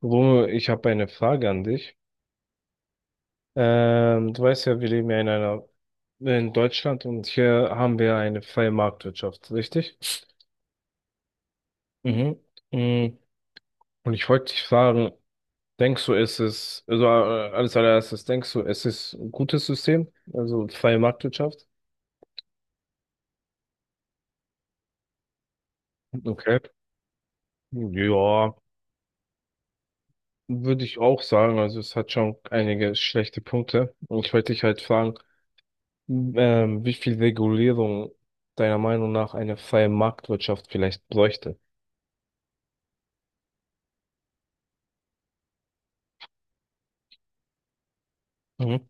Romeo, ich habe eine Frage an dich. Du weißt ja, wir leben ja in einer, in Deutschland und hier haben wir eine freie Marktwirtschaft, richtig? Mhm. Mm, Und ich wollte dich fragen, denkst du, ist es, also als allererstes, denkst du, es ist ein gutes System, also freie Marktwirtschaft? Okay. Ja, würde ich auch sagen, also es hat schon einige schlechte Punkte. Und ich wollte dich halt fragen, wie viel Regulierung deiner Meinung nach eine freie Marktwirtschaft vielleicht bräuchte? Mhm.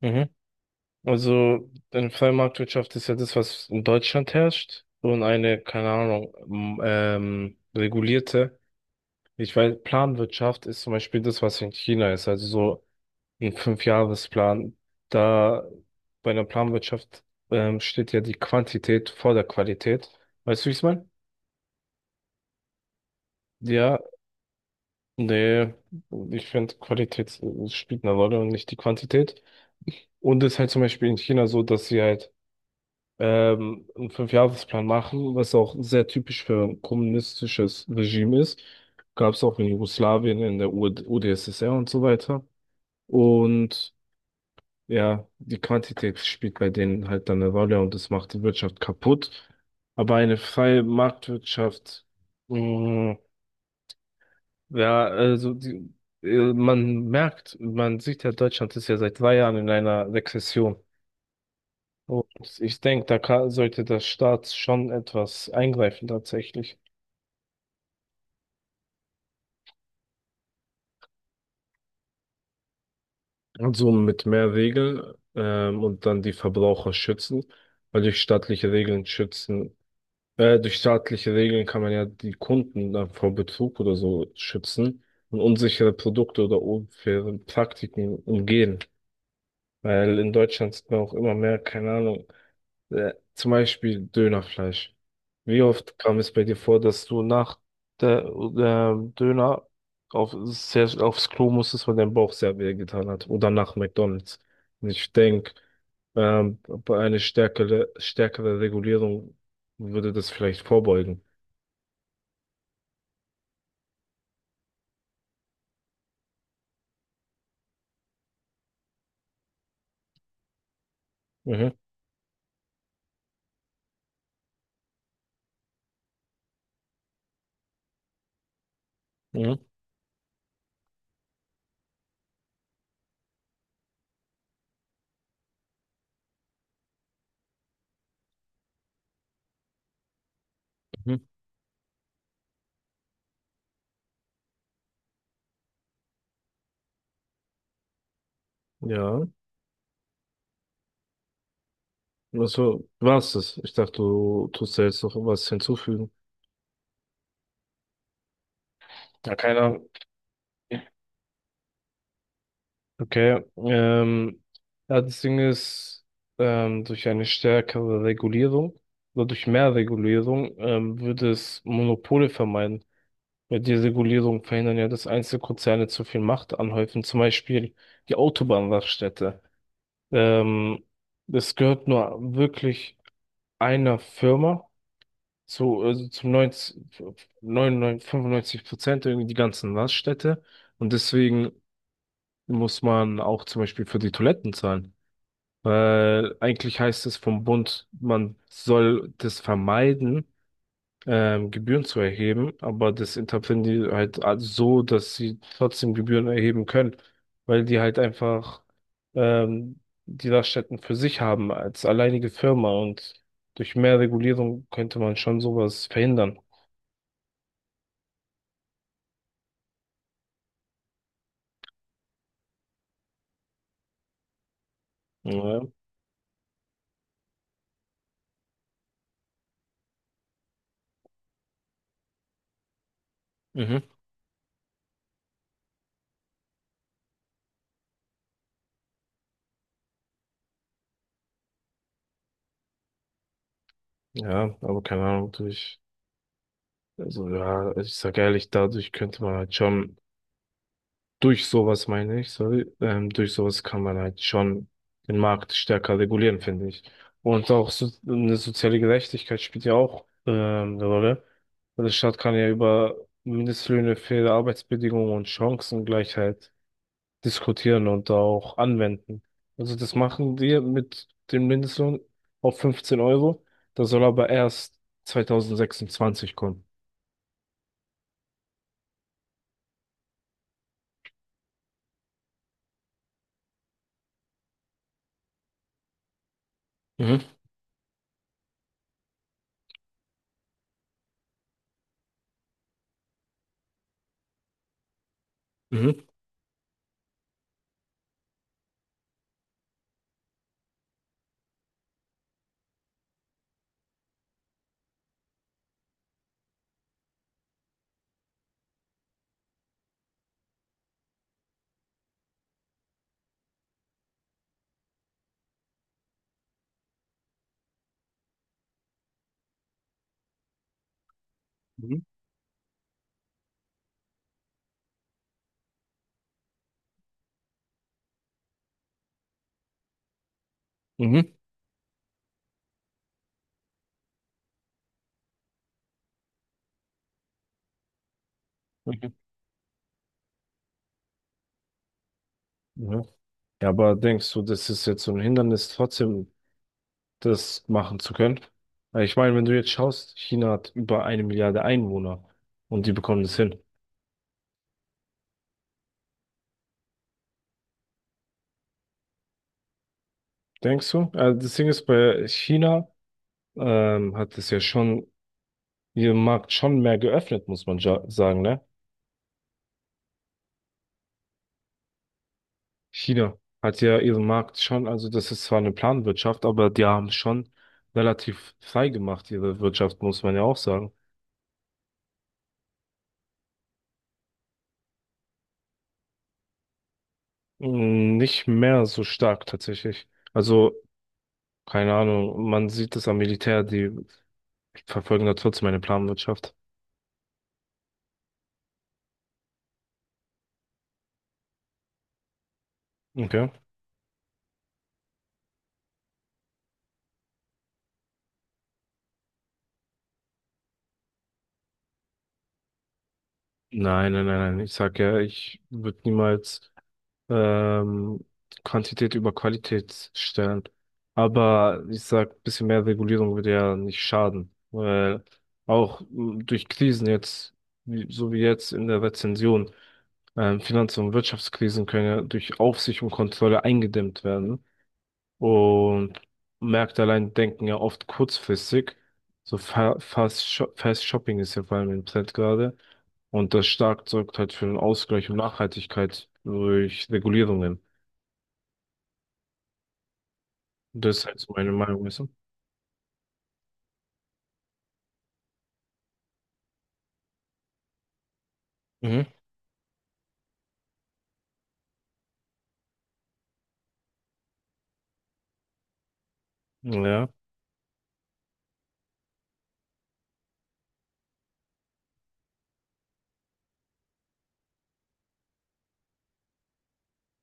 Mhm. Also eine freie Marktwirtschaft ist ja das, was in Deutschland herrscht, und eine, keine Ahnung, regulierte, ich weiß, Planwirtschaft ist zum Beispiel das, was in China ist, also so ein Fünfjahresplan. Da bei einer Planwirtschaft steht ja die Quantität vor der Qualität. Weißt du, wie ich es meine? Ja, nee, ich finde, Qualität spielt eine Rolle und nicht die Quantität. Und es ist halt zum Beispiel in China so, dass sie halt einen Fünfjahresplan machen, was auch sehr typisch für ein kommunistisches Regime ist. Gab es auch in Jugoslawien, in der UD UdSSR und so weiter. Und ja, die Quantität spielt bei denen halt dann eine Rolle, und das macht die Wirtschaft kaputt. Aber eine freie Marktwirtschaft, mh, ja, also die, man merkt, man sieht ja, Deutschland ist ja seit 2 Jahren in einer Rezession. Und ich denke, da kann, sollte der Staat schon etwas eingreifen tatsächlich. Und so mit mehr Regeln und dann die Verbraucher schützen, weil durch staatliche Regeln schützen, durch staatliche Regeln kann man ja die Kunden dann vor Betrug oder so schützen und unsichere Produkte oder unfaire Praktiken umgehen. Weil in Deutschland sieht man auch immer mehr, keine Ahnung, zum Beispiel Dönerfleisch. Wie oft kam es bei dir vor, dass du nach der Döner aufs Klo musstest, weil dein Bauch sehr weh getan hat? Oder nach McDonald's? Und ich denke, bei einer stärkere Regulierung würde das vielleicht vorbeugen. Mhm, mhm, mhm. Ja, also war's das. Ich dachte, du tust da jetzt noch was hinzufügen. Ja, keiner. Okay, ja, das Ding ist, durch eine stärkere Regulierung oder durch mehr Regulierung würde es Monopole vermeiden. Weil die Regulierung verhindern ja, dass Einzelkonzerne zu viel Macht anhäufen, zum Beispiel die Autobahnraststätte. Ähm, Es gehört nur wirklich einer Firma zu, also zum 95% irgendwie die ganzen Raststätte. Und deswegen muss man auch zum Beispiel für die Toiletten zahlen. Weil eigentlich heißt es vom Bund, man soll das vermeiden, Gebühren zu erheben, aber das interpretieren die halt als so, dass sie trotzdem Gebühren erheben können, weil die halt einfach ähm, die Raststätten für sich haben als alleinige Firma, und durch mehr Regulierung könnte man schon sowas verhindern. Ja, mhm. Ja, aber keine Ahnung, durch, also ja, ich sag ehrlich, dadurch könnte man halt schon. Durch sowas meine ich, sorry, durch sowas kann man halt schon den Markt stärker regulieren, finde ich. Und auch so, eine soziale Gerechtigkeit spielt ja auch eine Rolle. Weil der Staat kann ja über Mindestlöhne, faire Arbeitsbedingungen und Chancengleichheit diskutieren und auch anwenden. Also das machen wir mit dem Mindestlohn auf 15 Euro. Das soll aber erst 2026 kommen. Mhm. Mhm. Mhm. Mhm. Mhm. Ja, aber denkst du, das ist jetzt so ein Hindernis, trotzdem das machen zu können? Weil ich meine, wenn du jetzt schaust, China hat über eine Milliarde Einwohner, und die bekommen das hin. Denkst du? Also das Ding ist, bei China hat es ja schon ihren Markt schon mehr geöffnet, muss man ja sagen, ne? China hat ja ihren Markt schon, also das ist zwar eine Planwirtschaft, aber die haben schon relativ frei gemacht, ihre Wirtschaft, muss man ja auch sagen. Nicht mehr so stark tatsächlich. Also, keine Ahnung, man sieht es am Militär, die verfolgen da trotzdem eine Planwirtschaft. Okay. Nein, nein, nein, nein. Ich sag ja, ich würde niemals ähm, Quantität über Qualität stellen. Aber ich sag, ein bisschen mehr Regulierung würde ja nicht schaden. Weil auch durch Krisen jetzt, wie, so wie jetzt in der Rezession, Finanz- und Wirtschaftskrisen können ja durch Aufsicht und Kontrolle eingedämmt werden. Und Märkte allein denken ja oft kurzfristig. So Fast, Fast Shopping ist ja vor allem im Trend gerade. Und das stark sorgt halt für einen Ausgleich und Nachhaltigkeit durch Regulierungen. Das ist halt so meine Meinung, weißt du? Mhm. Ja,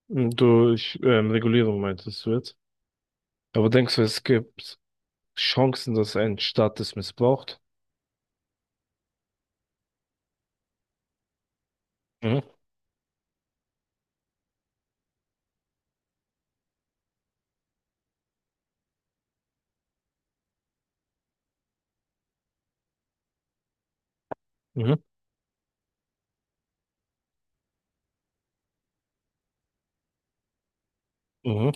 und durch Regulierung meintest du jetzt. Aber denkst du, es gibt Chancen, dass ein Staat das missbraucht? Mhm. Mhm. Mhm.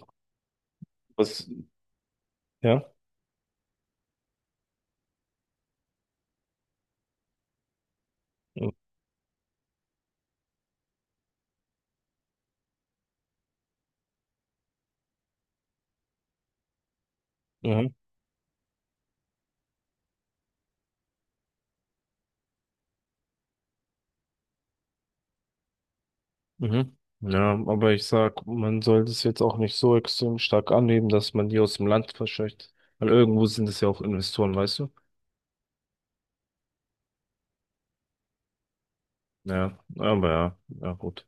Was? Ja. Mhm. Mhm. Ja, aber ich sag, man sollte es jetzt auch nicht so extrem stark annehmen, dass man die aus dem Land verscheucht. Weil irgendwo sind es ja auch Investoren, weißt du? Ja, aber ja, ja gut.